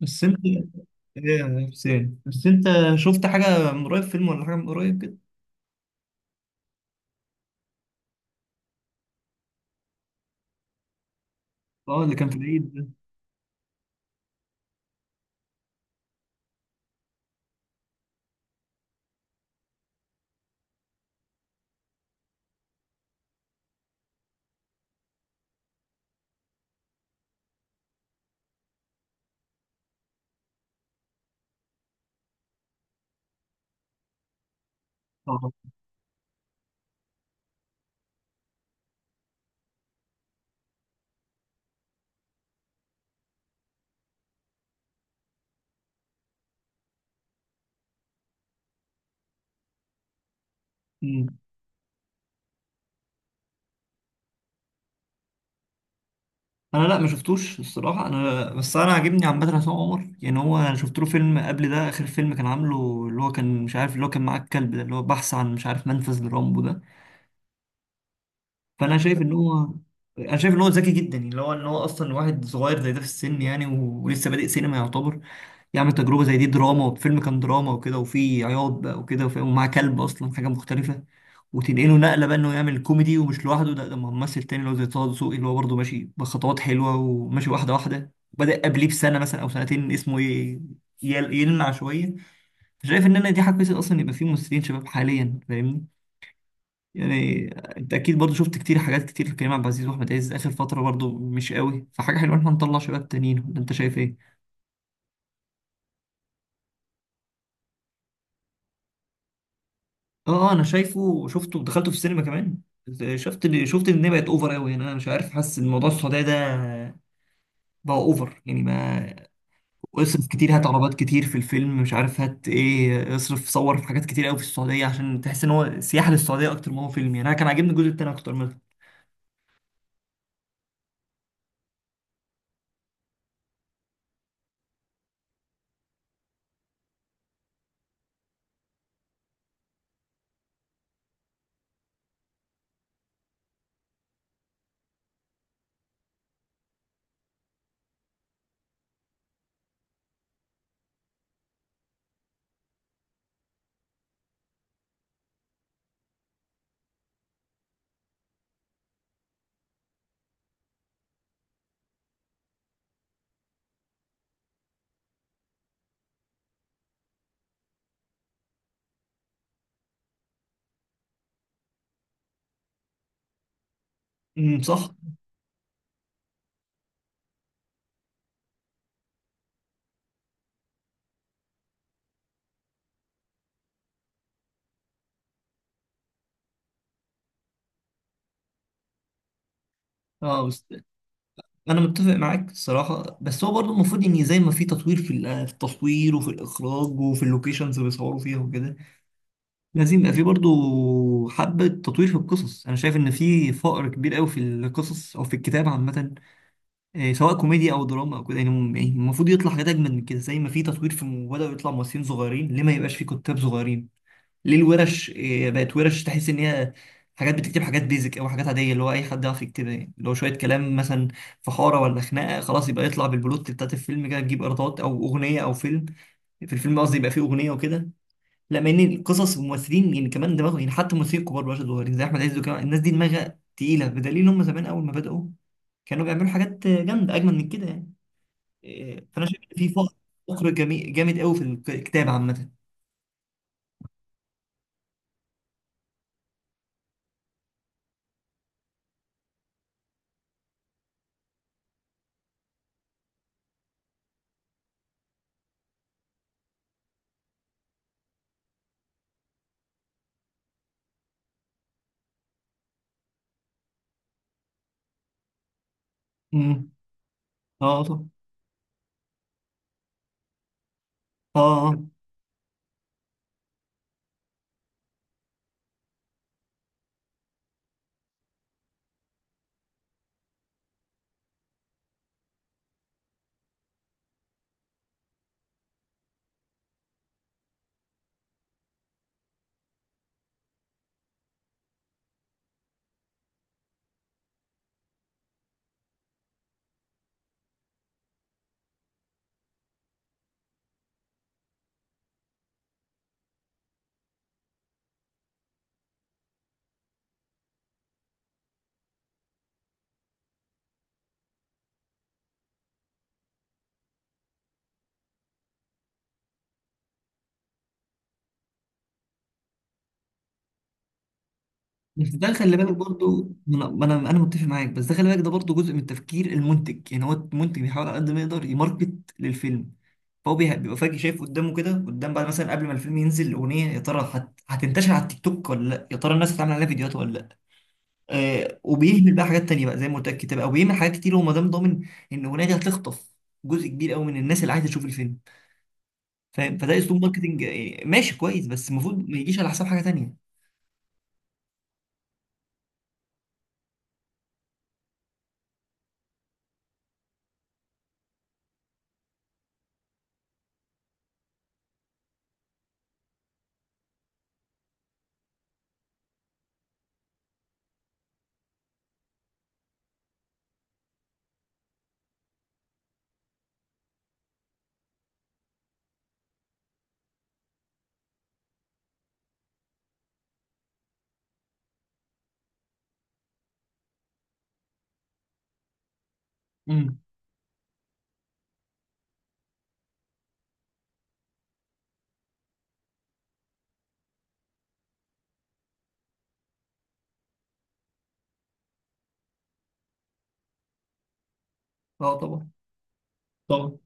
بس انت ايه يا حسين، بس انت شفت حاجة من قريب، فيلم ولا حاجة من قريب كده؟ اه، اللي كان في العيد ده. اه. مم. انا، لا ما شفتوش الصراحة. انا بس انا عاجبني عامة عصام عمر. يعني هو انا شفت له فيلم قبل ده، اخر فيلم كان عامله، اللي هو كان مش عارف، اللي هو كان معاه الكلب ده، اللي هو بحث عن، مش عارف، منفذ لرامبو ده. فانا شايف ان هو انا شايف ان هو ذكي جدا، يعني اللي هو ان هو اصلا واحد صغير زي ده في السن، يعني و- ولسه بادئ سينما يعتبر، يعمل تجربة زي دي، دراما، وفيلم كان دراما وكده وفيه عياط بقى وكده ومعاه كلب، أصلا حاجة مختلفة. وتنقله نقلة بقى إنه يعمل كوميدي، ومش لوحده، ده مع ممثل تاني اللي هو زي طه دسوقي، اللي هو برضه ماشي بخطوات حلوة وماشي واحدة واحدة، بدأ قبليه بسنة مثلا أو سنتين، اسمه يلمع شوية. فشايف إن أنا دي حاجة كويسة، أصلا يبقى في ممثلين شباب حاليا، فاهمني؟ يعني أنت أكيد برضه شفت كتير، حاجات كتير لكريم عبد العزيز وأحمد عز، آخر فترة برضه مش قوي، فحاجة حلوة إن إحنا نطلع شباب تانيين، ولا أنت شايف إيه؟ اه، آه، انا شايفه، شفته ودخلته في السينما كمان. شفت اللي شفت، ان هي بقت اوفر قوي. يعني انا مش عارف، حاسس ان الموضوع السعوديه ده بقى اوفر، يعني ما اصرف كتير، هات عربات كتير في الفيلم، مش عارف هات ايه، اصرف صور في حاجات كتير قوي في السعوديه، عشان تحس ان هو سياحه للسعوديه اكتر ما هو فيلم. يعني انا كان عاجبني الجزء التاني اكتر منه. صح. اه، بس انا متفق معاك الصراحه. بس هو برضه المفروض، ان زي ما في تطوير في في التصوير وفي الاخراج وفي اللوكيشنز اللي بيصوروا فيها وكده، لازم يبقى في برضو حبة تطوير في القصص. أنا شايف إن في فقر كبير أوي في القصص أو في الكتاب عامة، إيه، سواء كوميديا أو دراما أو كده. يعني يعني المفروض يطلع حاجات أجمل من كده. زي ما في تطوير في بدأوا يطلع ممثلين صغيرين، ليه ما يبقاش في كتاب صغيرين؟ ليه الورش إيه، بقت ورش تحس إن هي حاجات بتكتب، حاجات بيزك أو حاجات عادية، اللي هو أي حد يعرف يكتبها. يعني اللي هو شوية كلام مثلا في حارة ولا خناقة، خلاص يبقى يطلع بالبلوت بتاعت الفيلم كده، تجيب إيرادات، أو أغنية أو فيلم، في الفيلم قصدي، يبقى فيه أغنية وكده. لا، مع ان القصص والممثلين يعني كمان دماغهم، يعني حتى الممثلين الكبار، مش صغيرين، زي احمد عز وكمان، الناس دي دماغها تقيله، بدليل ان هم زمان اول ما بداوا كانوا بيعملوا حاجات جامده، اجمل من كده يعني. إيه، فانا شايف إن في فقر، فقر جميل جامد قوي في الكتاب عامه. امم. اه طبعا. اه. آه. بس ده خلي بالك برضو، ما انا ما انا أنا متفق معاك. بس ده خلي بالك، ده برضو جزء من التفكير المنتج، يعني هو المنتج بيحاول على قد ما يقدر يماركت للفيلم. فهو بيبقى فجأة شايف قدامه كده، قدام بعد، مثلا قبل ما الفيلم ينزل الأغنية، يا ترى هتنتشر على التيك توك ولا لا، يا ترى الناس هتعمل عليها فيديوهات ولا لا. آه، وبيهمل بقى حاجات تانية بقى، زي ما قلت لك، كتاب، أو بيهمل حاجات كتير، هو ما دام ضامن إن الأغنية دي هتخطف جزء كبير قوي من الناس اللي عايزة تشوف الفيلم، فاهم؟ فده أسلوب ماركتينج، آه، ماشي كويس، بس المفروض ما يجيش على حساب حاجة تانية. امم. اه طبعا طبعا.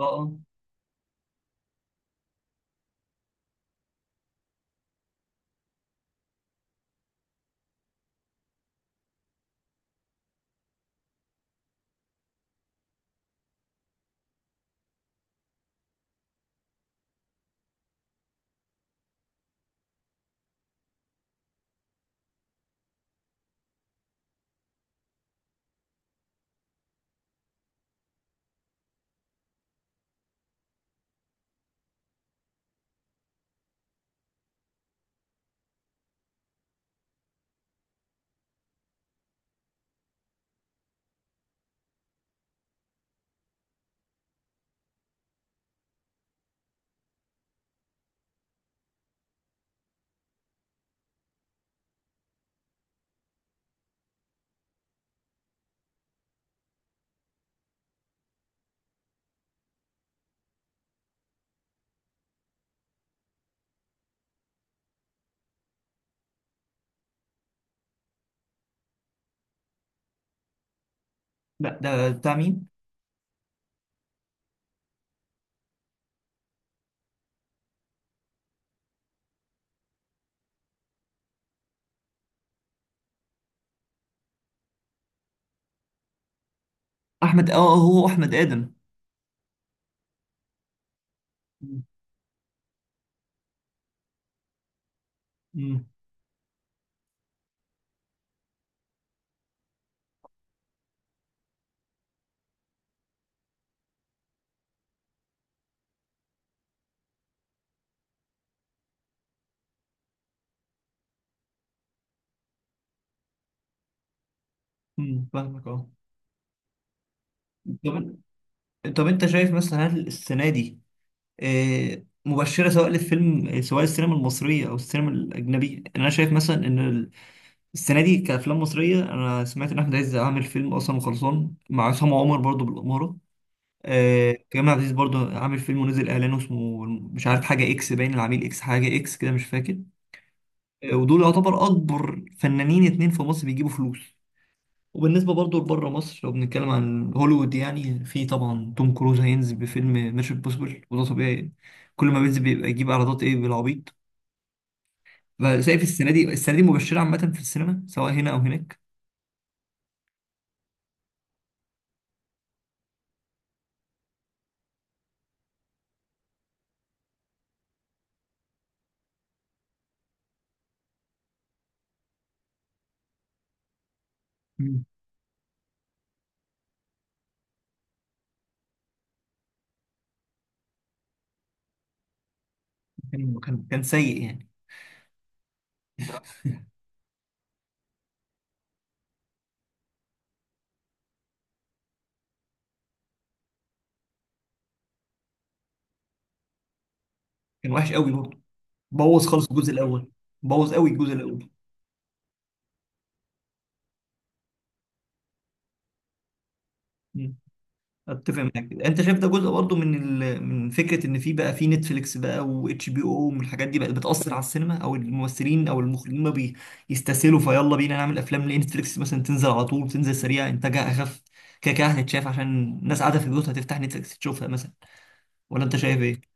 اه. آه. لا، ده بتاع مين؟ أحمد، اه، آه، هو أحمد آدم. امم. امم، فاهمك. اه. طب، طب أنت شايف مثلا، هل السنة دي آه، مبشره سواء للفيلم، آه، سواء السينما المصريه او السينما الاجنبيه. يعني انا شايف مثلا ان السنه دي كافلام مصريه، انا سمعت ان احمد عز عامل فيلم اصلا وخلصان مع عصام عمر برضو بالاماره. آه، كريم عبد العزيز برضو عامل فيلم ونزل اعلانه، اسمه مش عارف، حاجه اكس باين، العميل اكس، حاجه اكس كده، مش فاكر. آه، ودول يعتبر اكبر فنانين اتنين في مصر بيجيبوا فلوس. وبالنسبة برضو لبره مصر، لو بنتكلم عن هوليوود، يعني في طبعا توم كروز هينزل بفيلم ميشن امبوسيبل، وده طبيعي يعني. كل ما بينزل بيبقى يجيب ايرادات ايه بالعبيط. فشايف السنة دي مبشرة عامة في السينما، سواء هنا أو هناك. مم. كان سيء يعني. كان وحش قوي برضه. بوظ خالص الجزء الأول. بوظ قوي الجزء الأول. اتفق معاك. انت شايف ده جزء برضه من من فكره ان في بقى في نتفليكس بقى، واتش بي او، والحاجات دي بقت بتاثر على السينما او الممثلين او المخرجين، ما بيستسهلوا، فيلا بينا نعمل افلام ليه نتفليكس، مثلا تنزل على طول، تنزل سريع، انتاجها اخف، كده كده هتتشاف، عشان الناس قاعده في بيوتها هتفتح نتفليكس تشوفها مثلا. ولا انت شايف ايه؟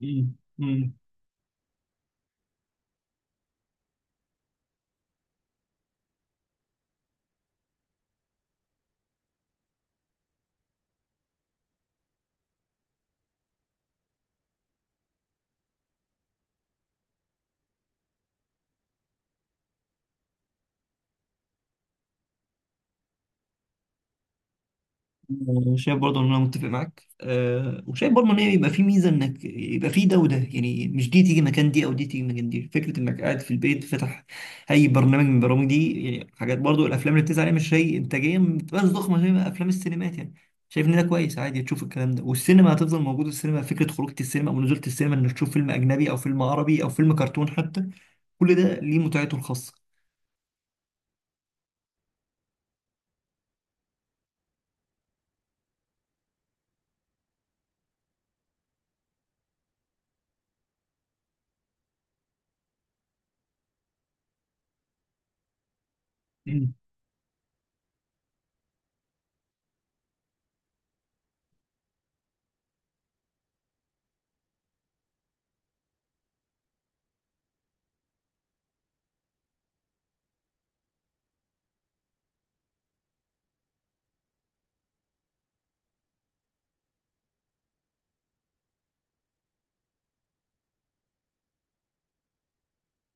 مم. مم. آه، شايف برضه ان انا متفق معاك، أه، وشايف برضه ان هي يبقى في ميزه، انك يبقى في ده وده، يعني مش دي تيجي مكان دي او دي تيجي مكان دي، فكره انك قاعد في البيت فاتح اي برنامج من البرامج دي. يعني حاجات برضه، الافلام اللي بتنزل عليها مش هي انتاجيا بتبقى ضخمه زي ما افلام السينمات يعني. شايف ان ده كويس، عادي تشوف الكلام ده، والسينما هتفضل موجوده، السينما فكره خروجه السينما او نزوله السينما، انك تشوف فيلم اجنبي او فيلم عربي او فيلم كرتون حتى، كل ده ليه متعته الخاصه.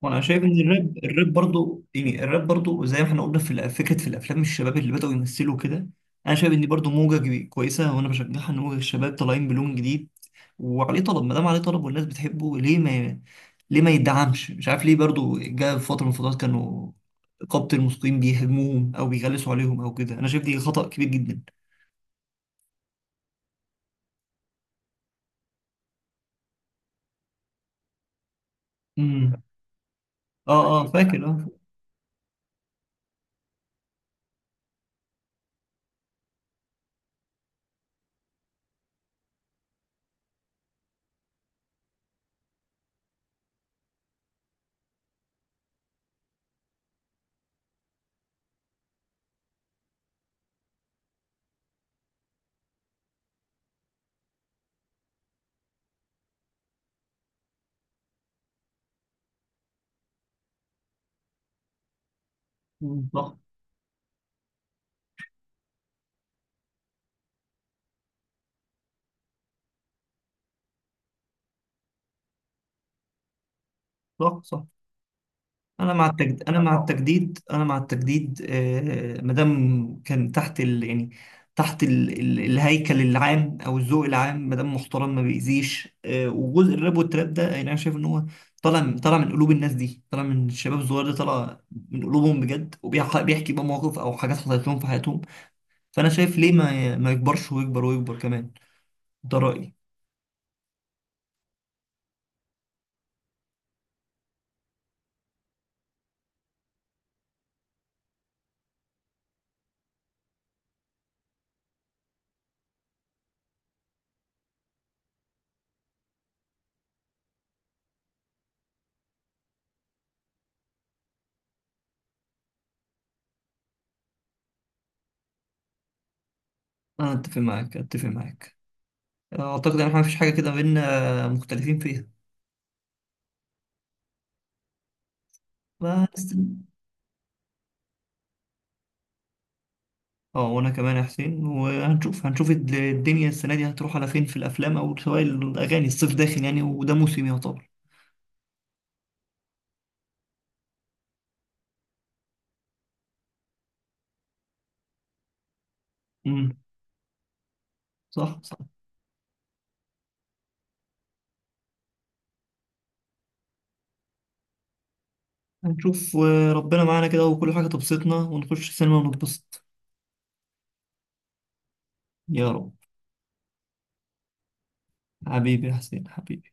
وانا شايف ان الراب، الراب برضو، يعني الراب برضو زي ما احنا قلنا في فكره في الافلام، الشباب اللي بداوا يمثلوا كده، انا شايف ان دي برضو موجه كويسه، وانا بشجعها، ان موجه الشباب طالعين بلون جديد، وعليه طلب. ما دام عليه طلب والناس بتحبه، ليه ما يدعمش؟ مش عارف ليه برضو، جاء في فتره من الفترات كانوا قبط الموسيقيين بيهاجموهم او بيغلسوا عليهم او كده، انا شايف دي خطأ كبير جدا. امم. اه. اه فاكر، اه. مم. صح صح. صح. انا مع التجديد، انا مع التجديد، انا مع التجديد، آه، ما دام كان تحت يعني تحت الهيكل العام او الذوق العام، ما دام محترم ما بيأذيش. آه، وجزء الراب والتراب ده، يعني انا شايف ان هو طالع، طالع من قلوب الناس دي، طالع من الشباب الصغير ده، طالع من قلوبهم بجد، وبيحكي بقى مواقف او حاجات حصلت لهم في حياتهم. فانا شايف ليه ما يكبرش، ويكبر ويكبر كمان. ده رأيي. انا اتفق معاك، اتفق معاك، اعتقد ان احنا مفيش حاجه كده بينا مختلفين فيها. بس، اه، وانا كمان يا حسين. وهنشوف، هنشوف الدنيا السنه دي هتروح على فين، في الافلام او سواء الاغاني، الصيف داخل يعني، وده موسم يعتبر. امم. صح صح. هنشوف، آه، ربنا معانا كده وكل حاجه تبسطنا ونخش السينما ونتبسط. يا رب. حبيبي يا حسين، حبيبي.